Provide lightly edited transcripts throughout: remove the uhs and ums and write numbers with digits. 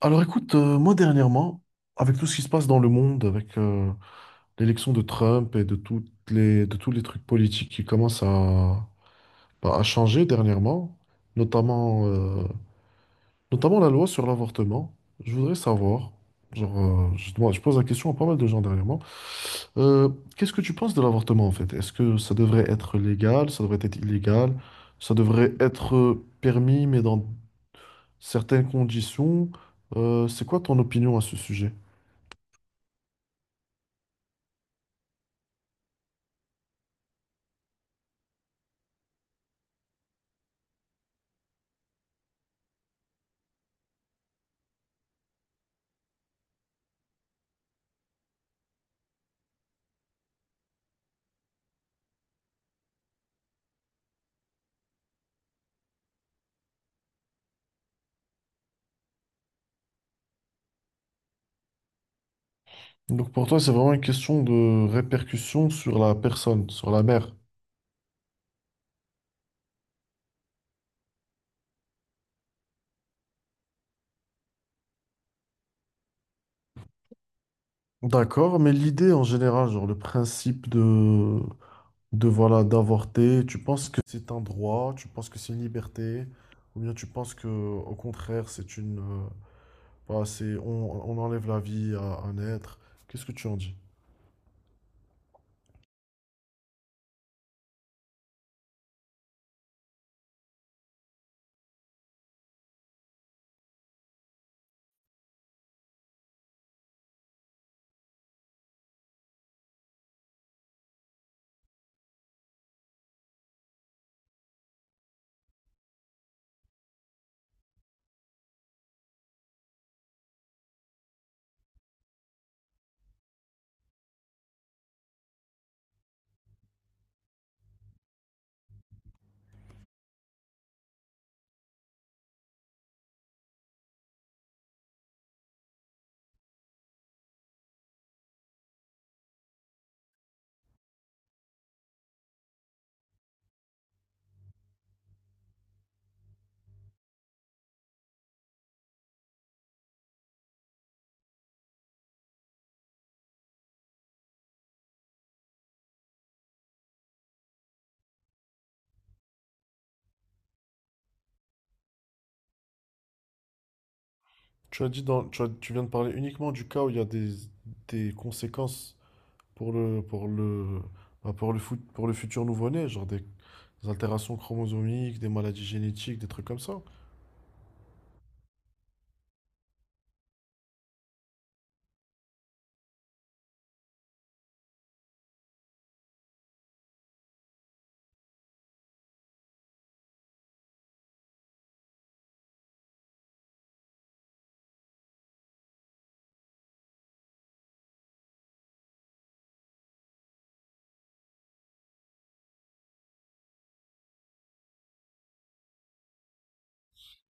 Alors écoute, moi dernièrement, avec tout ce qui se passe dans le monde, avec l'élection de Trump et de tous les trucs politiques qui commencent à changer dernièrement, notamment, euh, notamment la loi sur l'avortement, je voudrais savoir, je pose la question à pas mal de gens dernièrement, euh, qu'est-ce que tu penses de l'avortement en fait? Est-ce que ça devrait être légal, ça devrait être illégal, ça devrait être permis mais dans certaines conditions? C'est quoi ton opinion à ce sujet? Donc pour toi, c'est vraiment une question de répercussion sur la personne, sur la mère. D'accord, mais l'idée en général, genre le principe de voilà, d'avorter, tu penses que c'est un droit, tu penses que c'est une liberté, ou bien tu penses que au contraire, c'est une, voilà, c'est, on enlève la vie à un être. Qu'est-ce que tu en dis? Tu as dit dans, tu as- Tu viens de parler uniquement du cas où il y a des conséquences pour le, pour le, pour le futur nouveau-né, genre des altérations chromosomiques, des maladies génétiques, des trucs comme ça.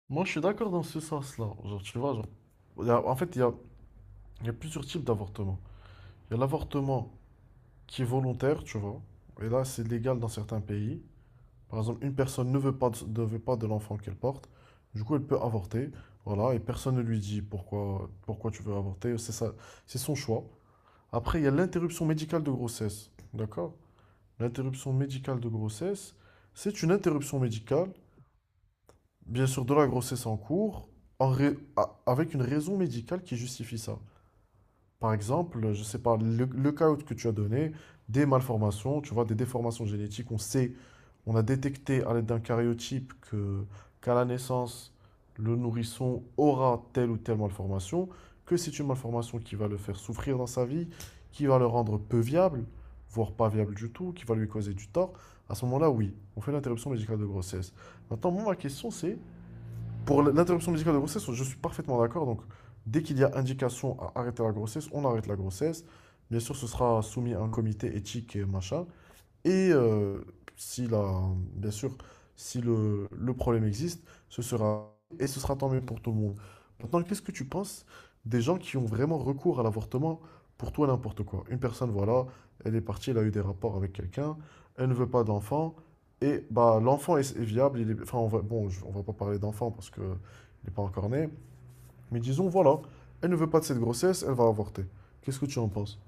Moi, je suis d'accord dans ce sens-là. Genre, tu vois, genre, en fait, il y a plusieurs types d'avortement. Il y a l'avortement qui est volontaire, tu vois, et là, c'est légal dans certains pays. Par exemple, une personne ne veut pas de l'enfant qu'elle porte, du coup, elle peut avorter, voilà, et personne ne lui dit pourquoi tu veux avorter, c'est ça, c'est son choix. Après, il y a l'interruption médicale de grossesse, d'accord? L'interruption médicale de grossesse, c'est une interruption médicale, bien sûr, de la grossesse en cours, avec une raison médicale qui justifie ça. Par exemple, je ne sais pas, le cas que tu as donné, des malformations, tu vois, des déformations génétiques, on sait, on a détecté à l'aide d'un karyotype qu'à la naissance, le nourrisson aura telle ou telle malformation, que c'est une malformation qui va le faire souffrir dans sa vie, qui va le rendre peu viable, voire pas viable du tout, qui va lui causer du tort. À ce moment-là, oui, on fait l'interruption médicale de grossesse. Maintenant, moi, ma question, c'est pour l'interruption médicale de grossesse, je suis parfaitement d'accord. Donc, dès qu'il y a indication à arrêter la grossesse, on arrête la grossesse. Bien sûr, ce sera soumis à un comité éthique et machin. Et si la, bien sûr, si le problème existe, ce sera et ce sera tant mieux pour tout le monde. Maintenant, qu'est-ce que tu penses des gens qui ont vraiment recours à l'avortement pour tout et n'importe quoi? Une personne, voilà, elle est partie, elle a eu des rapports avec quelqu'un, elle ne veut pas d'enfant, et bah est viable. Il est, enfin, on va, bon, on va pas parler d'enfant parce que il n'est pas encore né, mais disons, voilà, elle ne veut pas de cette grossesse, elle va avorter. Qu'est-ce que tu en penses?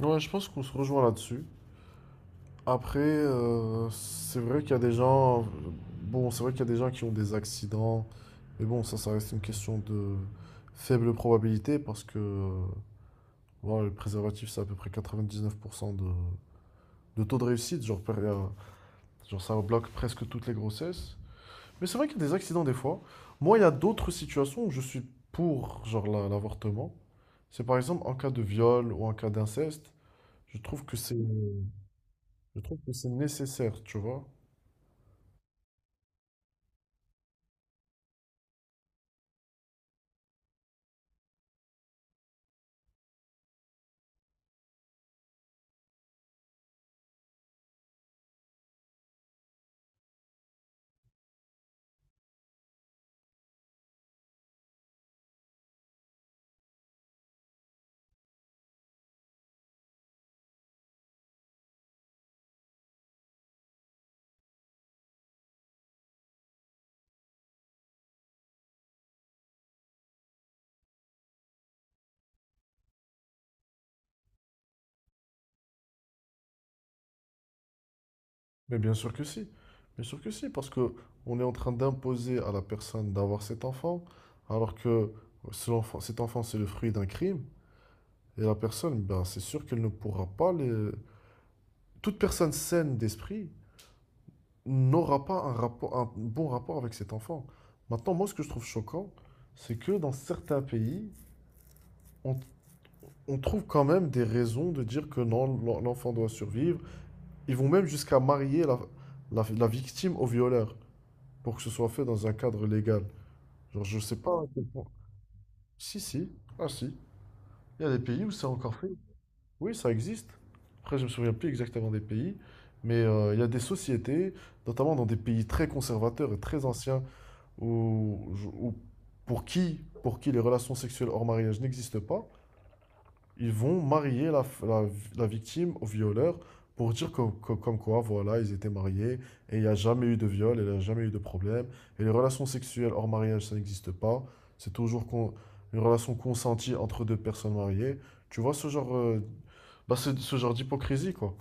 Ouais, je pense qu'on se rejoint là-dessus. Après, c'est vrai qu'il y a des gens, bon, c'est vrai qu'il y a des gens qui ont des accidents, mais bon, ça reste une question de faible probabilité parce que voilà, le préservatif, c'est à peu près 99% de taux de réussite, genre ça bloque presque toutes les grossesses. Mais c'est vrai qu'il y a des accidents des fois. Moi, il y a d'autres situations où je suis pour l'avortement. C'est par exemple en cas de viol ou en cas d'inceste, je trouve que c'est, je trouve que c'est nécessaire, tu vois. Mais bien sûr que si. Bien sûr que si, parce que on est en train d'imposer à la personne d'avoir cet enfant, alors que cet enfant, c'est le fruit d'un crime, et la personne, ben, c'est sûr qu'elle ne pourra pas le… Toute personne saine d'esprit n'aura pas un bon rapport avec cet enfant. Maintenant, moi, ce que je trouve choquant, c'est que dans certains pays, on, on trouve quand même des raisons de dire que non, l'enfant doit survivre. Ils vont même jusqu'à marier la, la victime au violeur, pour que ce soit fait dans un cadre légal. Genre, je sais pas à quel point. Si, si. Ah, si. Il y a des pays où c'est encore fait. Oui, ça existe. Après, je me souviens plus exactement des pays. Mais il y a des sociétés, notamment dans des pays très conservateurs et très anciens, où, où- pour qui les relations sexuelles hors mariage n'existent pas, ils vont marier la la victime au violeur pour dire que comme quoi, voilà, ils étaient mariés et il n'y a jamais eu de viol, et il n'y a jamais eu de problème. Et les relations sexuelles hors mariage, ça n'existe pas. C'est toujours con- une relation consentie entre deux personnes mariées. Tu vois ce c'est ce genre d'hypocrisie, quoi.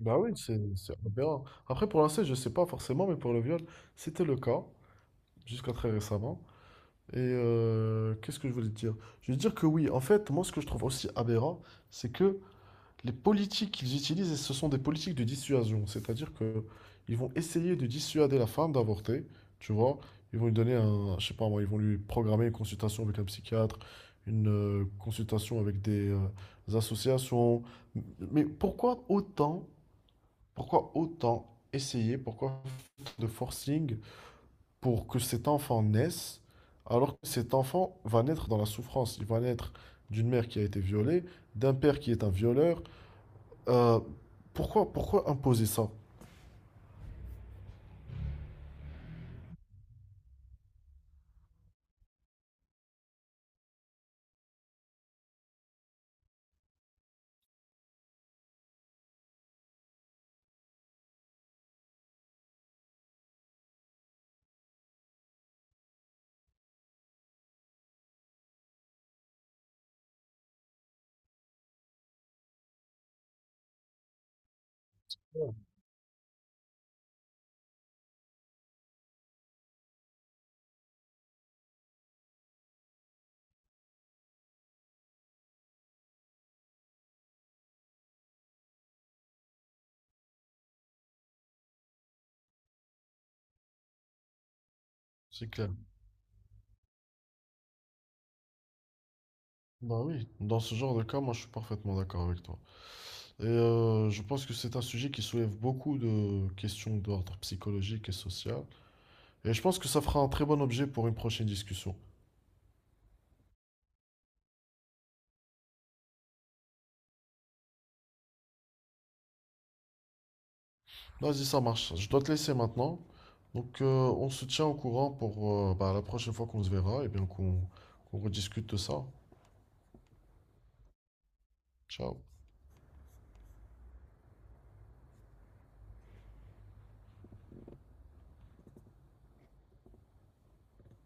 Bah oui, c'est aberrant. Après, pour l'inceste, je sais pas forcément, mais pour le viol, c'était le cas, jusqu'à très récemment. Et qu'est-ce que je voulais te dire? Je veux dire que oui, en fait, moi, ce que je trouve aussi aberrant, c'est que les politiques qu'ils utilisent, ce sont des politiques de dissuasion, c'est-à-dire que ils vont essayer de dissuader la femme d'avorter, tu vois. Ils vont lui donner un, je sais pas moi, ils vont lui programmer une consultation avec un psychiatre, une consultation avec des associations. Mais pourquoi autant, pourquoi autant essayer, pourquoi faire de forcing pour que cet enfant naisse, alors que cet enfant va naître dans la souffrance, il va naître d'une mère qui a été violée, d'un père qui est un violeur euh, pourquoi, pourquoi imposer ça? C'est clair. Bah oui, dans ce genre de cas, moi je suis parfaitement d'accord avec toi. Et je pense que c'est un sujet qui soulève beaucoup de questions d'ordre psychologique et social. Et je pense que ça fera un très bon objet pour une prochaine discussion. Vas-y, ça marche. Je dois te laisser maintenant. Donc on se tient au courant pour la prochaine fois qu'on se verra et bien qu'on rediscute de ça. Ciao.